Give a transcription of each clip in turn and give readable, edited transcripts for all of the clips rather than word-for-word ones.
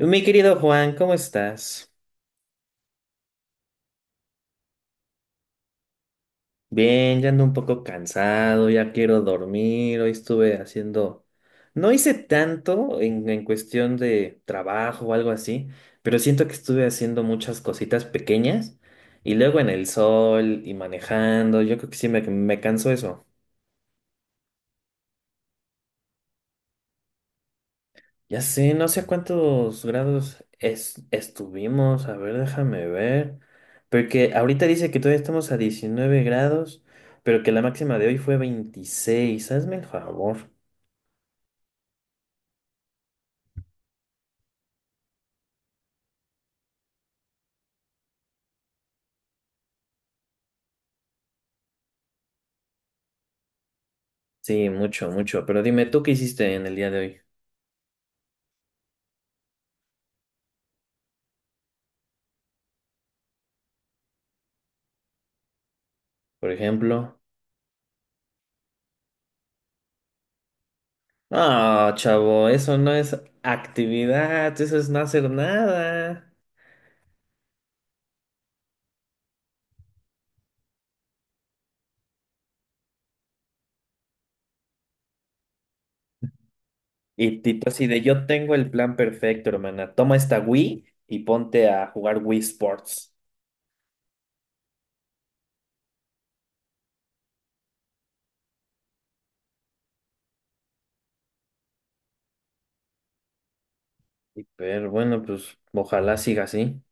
Mi querido Juan, ¿cómo estás? Bien, ya ando un poco cansado, ya quiero dormir. Hoy estuve haciendo. No hice tanto en cuestión de trabajo o algo así, pero siento que estuve haciendo muchas cositas pequeñas y luego en el sol y manejando. Yo creo que sí me cansó eso. Ya sé, no sé a cuántos grados estuvimos. A ver, déjame ver. Porque ahorita dice que todavía estamos a 19 grados, pero que la máxima de hoy fue 26. Hazme el favor. Sí, mucho, mucho. Pero dime, ¿tú qué hiciste en el día de hoy? Por ejemplo. Ah, chavo, eso no es actividad, eso es no hacer nada. Y Tito así de yo tengo el plan perfecto, hermana. Toma esta Wii y ponte a jugar Wii Sports. Sí, pero bueno, pues ojalá siga así.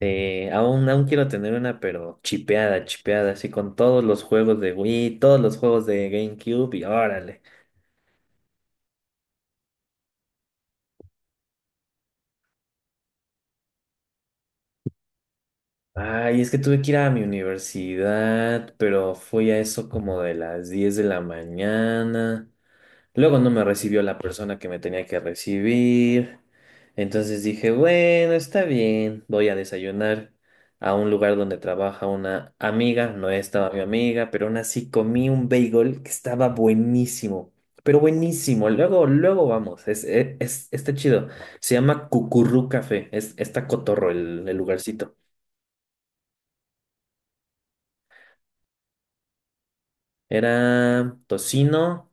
Aún quiero tener una, pero chipeada, chipeada, así con todos los juegos de Wii, todos los juegos de GameCube y órale. Ay, es que tuve que ir a mi universidad, pero fui a eso como de las 10 de la mañana. Luego no me recibió la persona que me tenía que recibir. Entonces dije, bueno, está bien, voy a desayunar a un lugar donde trabaja una amiga. No estaba mi amiga, pero aún así comí un bagel que estaba buenísimo. Pero buenísimo. Luego, luego vamos. Está chido. Se llama Cucurrú Café. Está cotorro el lugarcito. Era tocino,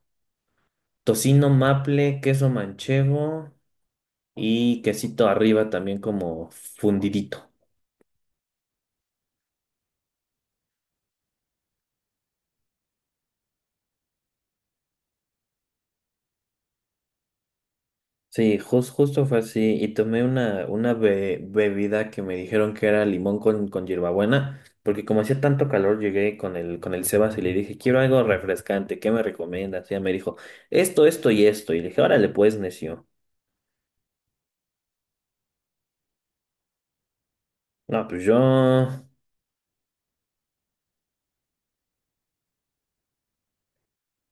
tocino maple, queso manchego. Y quesito arriba también como fundidito. Sí, justo fue así. Y tomé una bebida que me dijeron que era limón con hierbabuena, porque como hacía tanto calor, llegué con el Sebas y le dije, quiero algo refrescante, ¿qué me recomiendas? Y ella me dijo, esto y esto. Y le dije, órale, pues, necio. No, pues yo,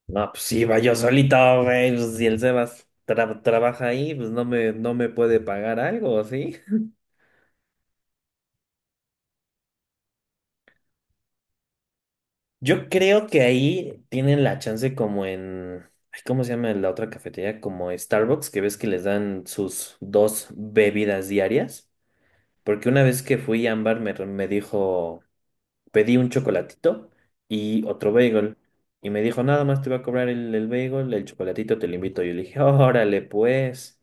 no, pues iba yo solito, güey. Pues, si el Sebas trabaja ahí, pues no me puede pagar algo, ¿sí? Yo creo que ahí tienen la chance como en, ay, ¿cómo se llama la otra cafetería? Como Starbucks, que ves que les dan sus dos bebidas diarias. Porque una vez que fui a Ámbar me dijo, pedí un chocolatito y otro bagel. Y me dijo, nada más te voy a cobrar el bagel, el chocolatito te lo invito. Yo le dije, órale, pues.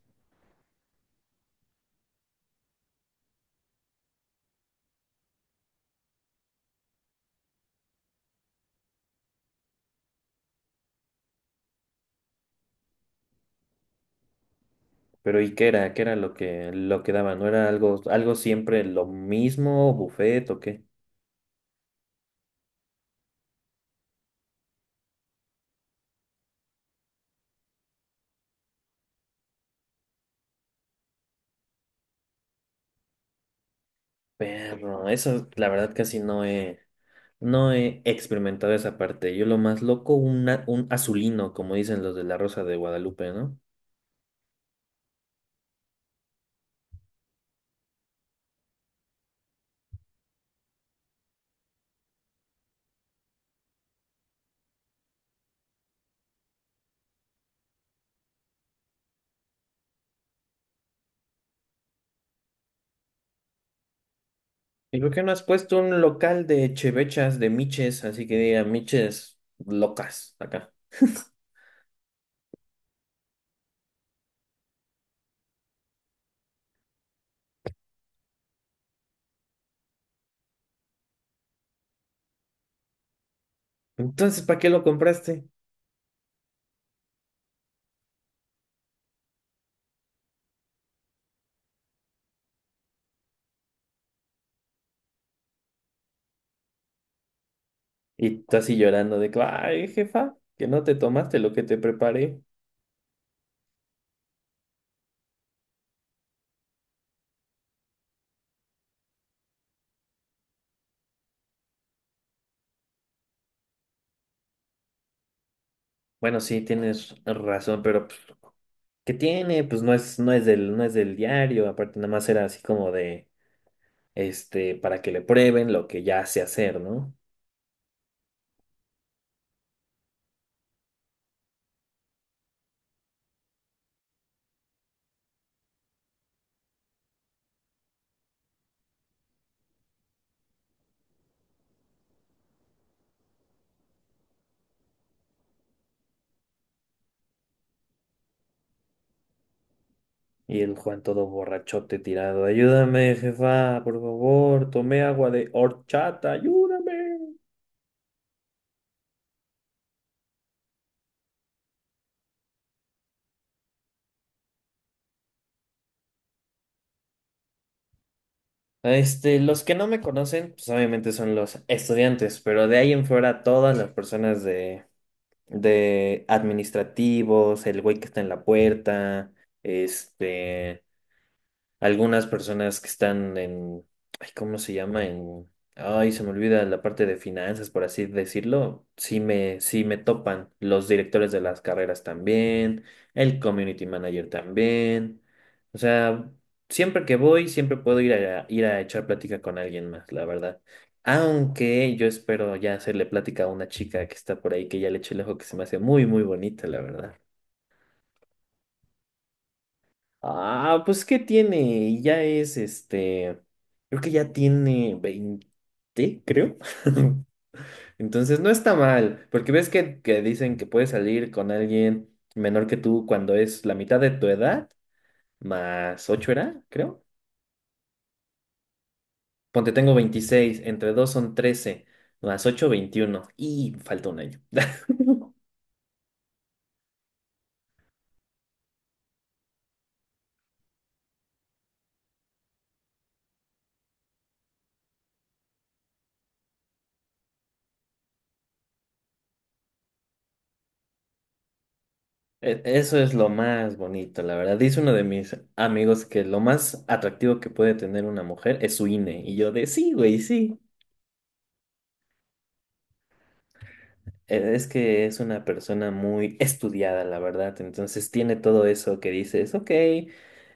Pero ¿y qué era? ¿Qué era lo que daban? ¿No era algo, algo siempre lo mismo, buffet o qué? Perro, eso la verdad casi no he, no he experimentado esa parte. Yo lo más loco, una- un azulino, como dicen los de la Rosa de Guadalupe, ¿no? ¿Y por qué no has puesto un local de chevechas, de miches, así que diga miches locas acá? Entonces, ¿para qué lo compraste? Y tú así llorando de que, ay, jefa, que no te tomaste lo que te preparé. Bueno, sí, tienes razón, pero pues, ¿qué tiene? Pues no es, no es del, no es del diario, aparte nada más era así como de este, para que le prueben lo que ya sé hacer, ¿no? Y el Juan todo borrachote tirado, ayúdame, jefa, por favor, tomé agua de horchata, ayúdame. Este, los que no me conocen, pues obviamente son los estudiantes, pero de ahí en fuera todas las personas de, administrativos, el güey que está en la puerta, este, algunas personas que están en, ay, ¿cómo se llama? En, ay, se me olvida la parte de finanzas, por así decirlo. Sí me topan los directores de las carreras también, el community manager también. O sea, siempre que voy, siempre puedo ir a echar plática con alguien más, la verdad. Aunque yo espero ya hacerle plática a una chica que está por ahí, que ya le eché el ojo, que se me hace muy, muy bonita, la verdad. Ah, pues ¿qué tiene? Ya es este, creo que ya tiene 20, creo. Entonces no está mal, porque ves que dicen que puedes salir con alguien menor que tú cuando es la mitad de tu edad, más 8 era, creo. Ponte, tengo 26, entre 2 son 13, más 8 21 y falta un año. Eso es lo más bonito, la verdad. Dice uno de mis amigos que lo más atractivo que puede tener una mujer es su INE. Y yo de sí, güey, sí. Es que es una persona muy estudiada, la verdad. Entonces tiene todo eso que dices, ok,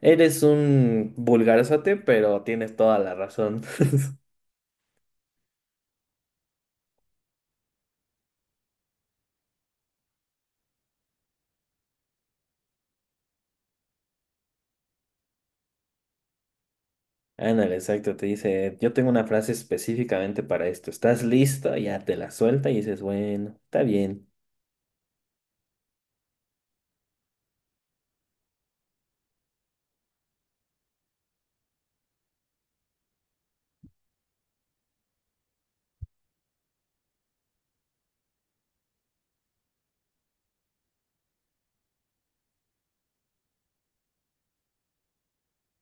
eres un vulgarzote, pero tienes toda la razón. Ándale, exacto. Te dice, yo tengo una frase específicamente para esto. ¿Estás listo? Ya te la suelta y dices, bueno, está bien.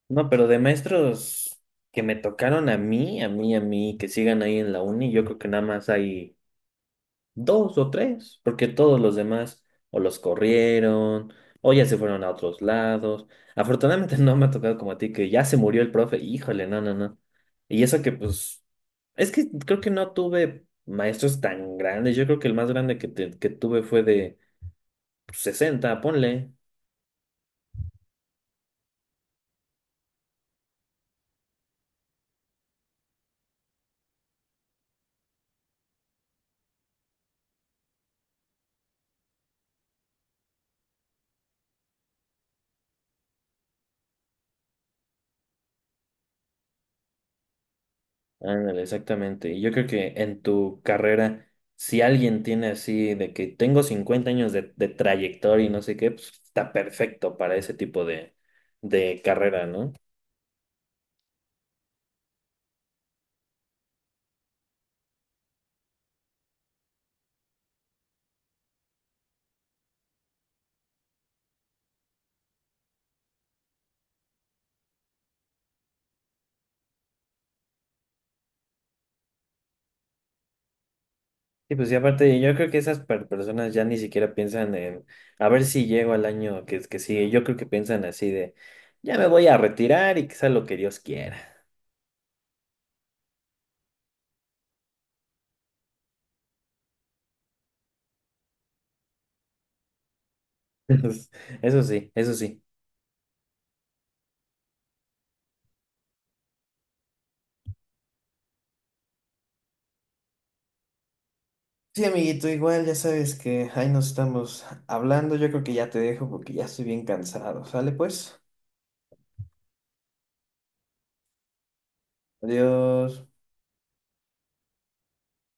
No, pero de maestros que me tocaron a mí, a mí, a mí, que sigan ahí en la uni, yo creo que nada más hay dos o tres, porque todos los demás o los corrieron o ya se fueron a otros lados. Afortunadamente no me ha tocado como a ti, que ya se murió el profe, híjole, no, no, no. Y eso que pues, es que creo que no tuve maestros tan grandes, yo creo que el más grande que tuve fue de pues, 60 ponle. Ándale, exactamente. Y yo creo que en tu carrera, si alguien tiene así de que tengo 50 años de trayectoria y no sé qué, pues está perfecto para ese tipo de carrera, ¿no? Y pues y aparte, yo creo que esas personas ya ni siquiera piensan en a ver si llego al año que sigue. Yo creo que piensan así de ya me voy a retirar y que sea lo que Dios quiera. Eso sí, eso sí. Sí, amiguito, igual ya sabes que ahí nos estamos hablando. Yo creo que ya te dejo porque ya estoy bien cansado. Sale pues. Adiós.